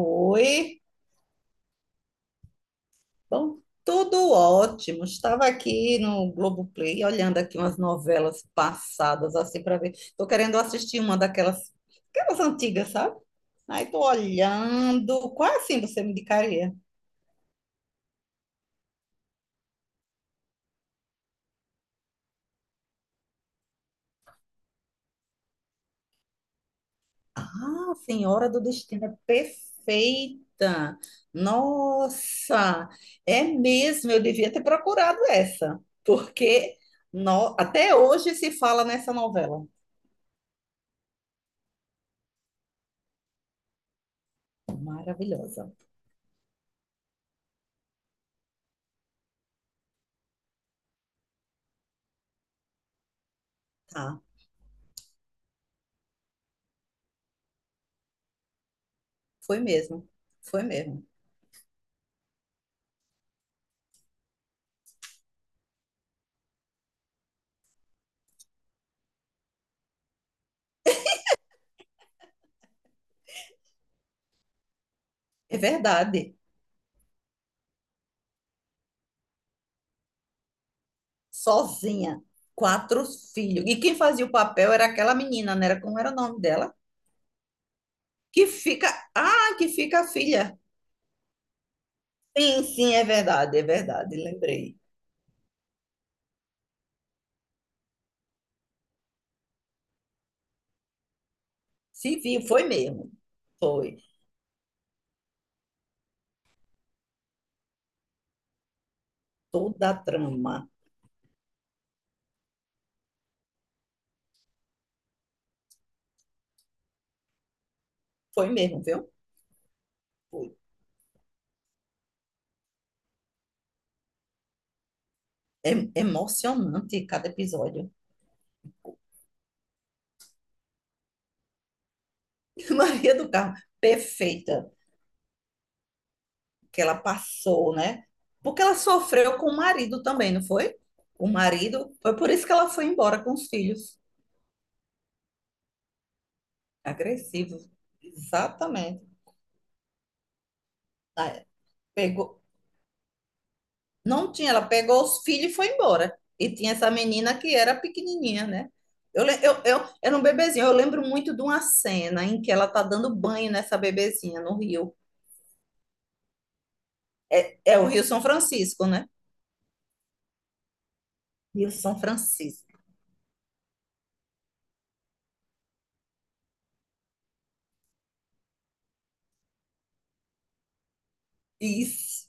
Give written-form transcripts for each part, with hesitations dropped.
Oi, bom, tudo ótimo. Estava aqui no Globoplay olhando aqui umas novelas passadas assim para ver. Estou querendo assistir uma daquelas, aquelas antigas, sabe? Aí estou olhando. Qual assim você me indicaria? Ah, Senhora do Destino é perfeita. Nossa, é mesmo. Eu devia ter procurado essa, porque até hoje se fala nessa novela. Maravilhosa. Tá. Foi mesmo, foi mesmo. É verdade. Sozinha, quatro filhos. E quem fazia o papel era aquela menina, não era como era o nome dela? Que fica, ah, que fica a filha. Sim, sim, é verdade, lembrei. Se viu, foi mesmo. Foi. Toda a trama. Foi mesmo, viu? Foi. É emocionante cada episódio. Maria do Carmo, perfeita. Que ela passou, né? Porque ela sofreu com o marido também, não foi? O marido, foi por isso que ela foi embora com os filhos. Agressivo. Exatamente. Ah, Pegou, não tinha, ela pegou os filhos e foi embora. E tinha essa menina que era pequenininha, né? Eu era um bebezinho. Eu lembro muito de uma cena em que ela tá dando banho nessa bebezinha no rio. É o Rio São Francisco, né? Rio São Francisco. Isso.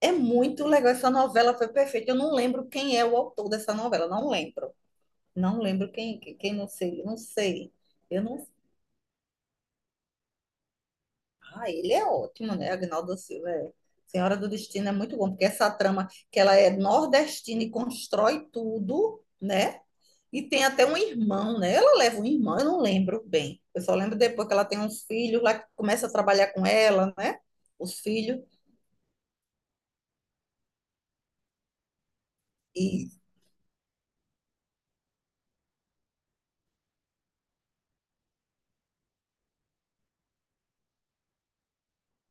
É muito legal, essa novela foi perfeita. Eu não lembro quem é o autor dessa novela, não lembro. Não lembro quem, quem não sei, não sei. Eu não. Ah, ele é ótimo, né? Agnaldo Silva é. Senhora do Destino é muito bom, porque essa trama que ela é nordestina e constrói tudo, né? E tem até um irmão, né? Ela leva um irmão, eu não lembro bem. Eu só lembro depois que ela tem uns filhos lá que começa a trabalhar com ela, né? Os filhos e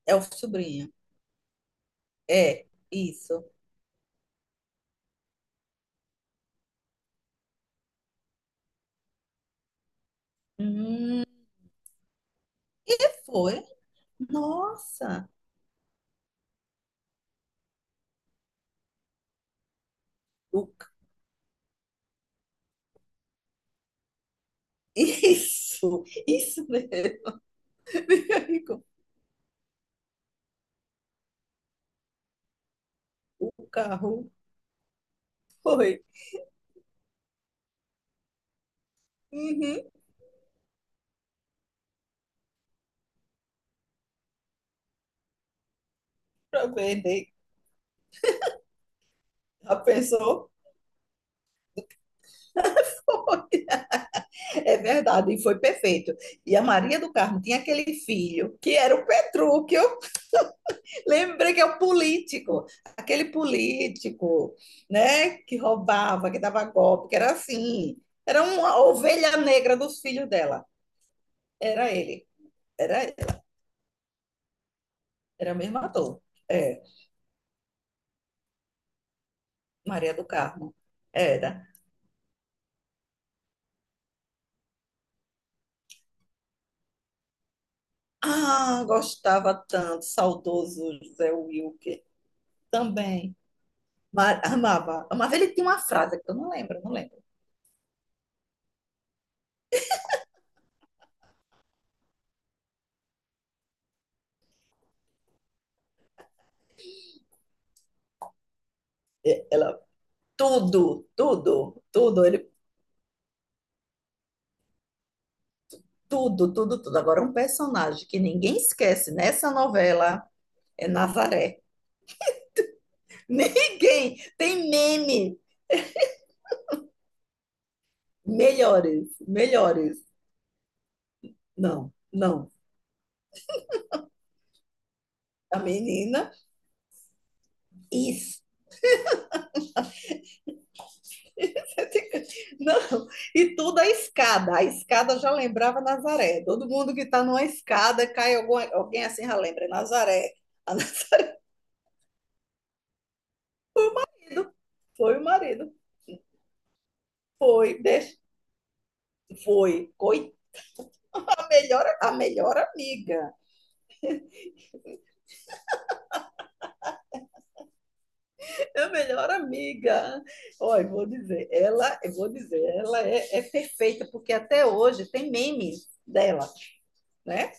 é o sobrinho. É, isso. Hum, e foi, nossa, o ca- isso mesmo. Aí, co- O carro foi, uhum, para vender. A pessoa foi. É verdade, e foi perfeito. E a Maria do Carmo tinha aquele filho, que era o Petrúquio. Lembrei que é o político, aquele político, né, que roubava, que dava golpe, que era assim. Era uma ovelha negra dos filhos dela. Era ele, era, era o mesmo ator. É. Maria do Carmo. Era. Ah, gostava tanto, saudoso José Wilker. Também. Amava. Amava. Ele tinha uma frase que eu não lembro, não lembro. Ela, tudo, tudo, tudo, ele, tudo, tudo, tudo. Agora, um personagem que ninguém esquece nessa novela é Nazaré. Ninguém. Tem meme. Melhores, melhores. Não, não. A menina. E Não, e tudo a escada. A escada já lembrava Nazaré. Todo mundo que está numa escada cai alguma, alguém assim já lembra. É Nazaré. A nascido foi o marido. Foi, foi. Coitada, a melhor amiga. A melhor amiga. Olha, vou dizer, ela, eu vou dizer, ela é, é perfeita, porque até hoje tem memes dela, né?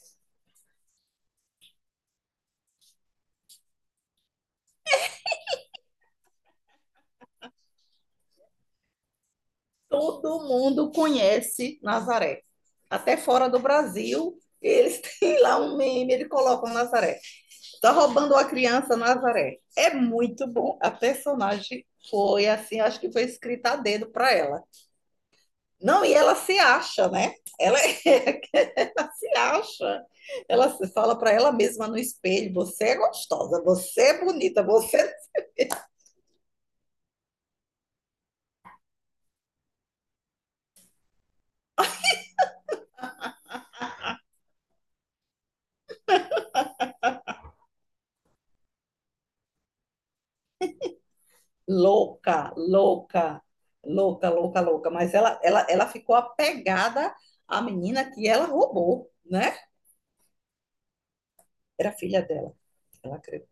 Todo mundo conhece Nazaré. Até fora do Brasil, eles têm lá um meme, eles colocam Nazaré. Tá roubando a criança Nazaré. É muito bom. A personagem foi assim, acho que foi escrita a dedo para ela. Não, e ela se acha, né? Ela, é, ela se acha. Ela se fala para ela mesma no espelho: você é gostosa, você é bonita, você louca, louca, louca, louca, louca. Mas ela, ela ficou apegada à menina que ela roubou, né? Era filha dela, ela creu.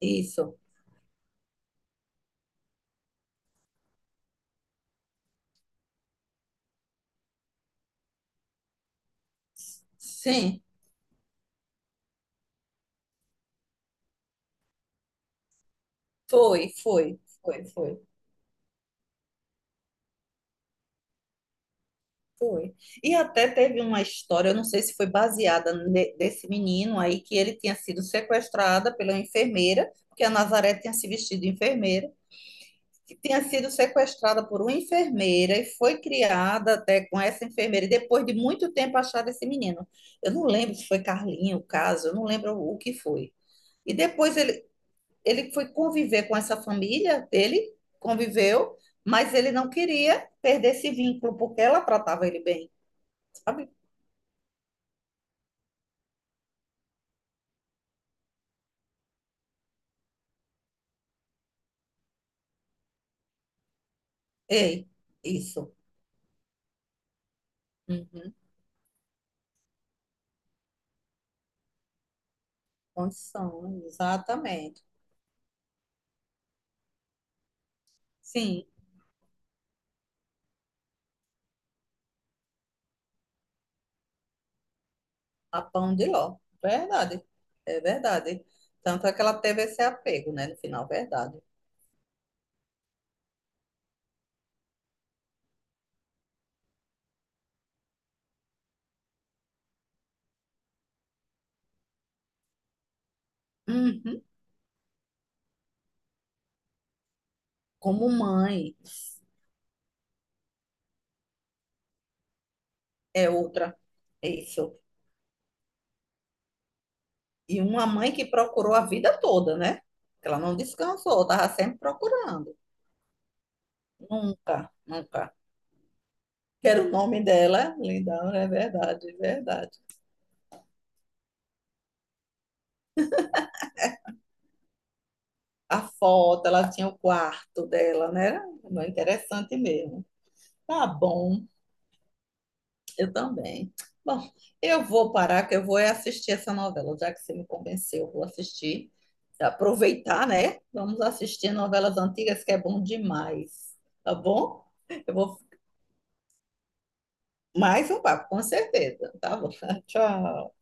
Isso, sim, foi. Foi. E até teve uma história, eu não sei se foi baseada desse menino aí, que ele tinha sido sequestrado pela enfermeira, porque a Nazaré tinha se vestido de enfermeira, que tinha sido sequestrada por uma enfermeira e foi criada até com essa enfermeira, e depois de muito tempo acharam esse menino. Eu não lembro se foi Carlinho o caso, eu não lembro o que foi. E depois ele, ele foi conviver com essa família dele, conviveu, mas ele não queria perder esse vínculo, porque ela tratava ele bem, sabe? Ei, isso. Uhum. Condição, exatamente. Sim. A pão de ló. Verdade. É verdade. Tanto é que ela teve esse apego, né? No final, verdade. Uhum. Como mãe, é outra. É isso. E uma mãe que procurou a vida toda, né? Ela não descansou, estava sempre procurando. Nunca, nunca. Quero o nome dela, linda, é verdade, é verdade. A foto, ela tinha o quarto dela, né? Era interessante mesmo. Tá bom. Eu também. Bom, eu vou parar, que eu vou é assistir essa novela, já que você me convenceu, eu vou assistir. Aproveitar, né? Vamos assistir novelas antigas, que é bom demais. Tá bom? Eu vou mais um papo, com certeza. Tá bom. Tchau.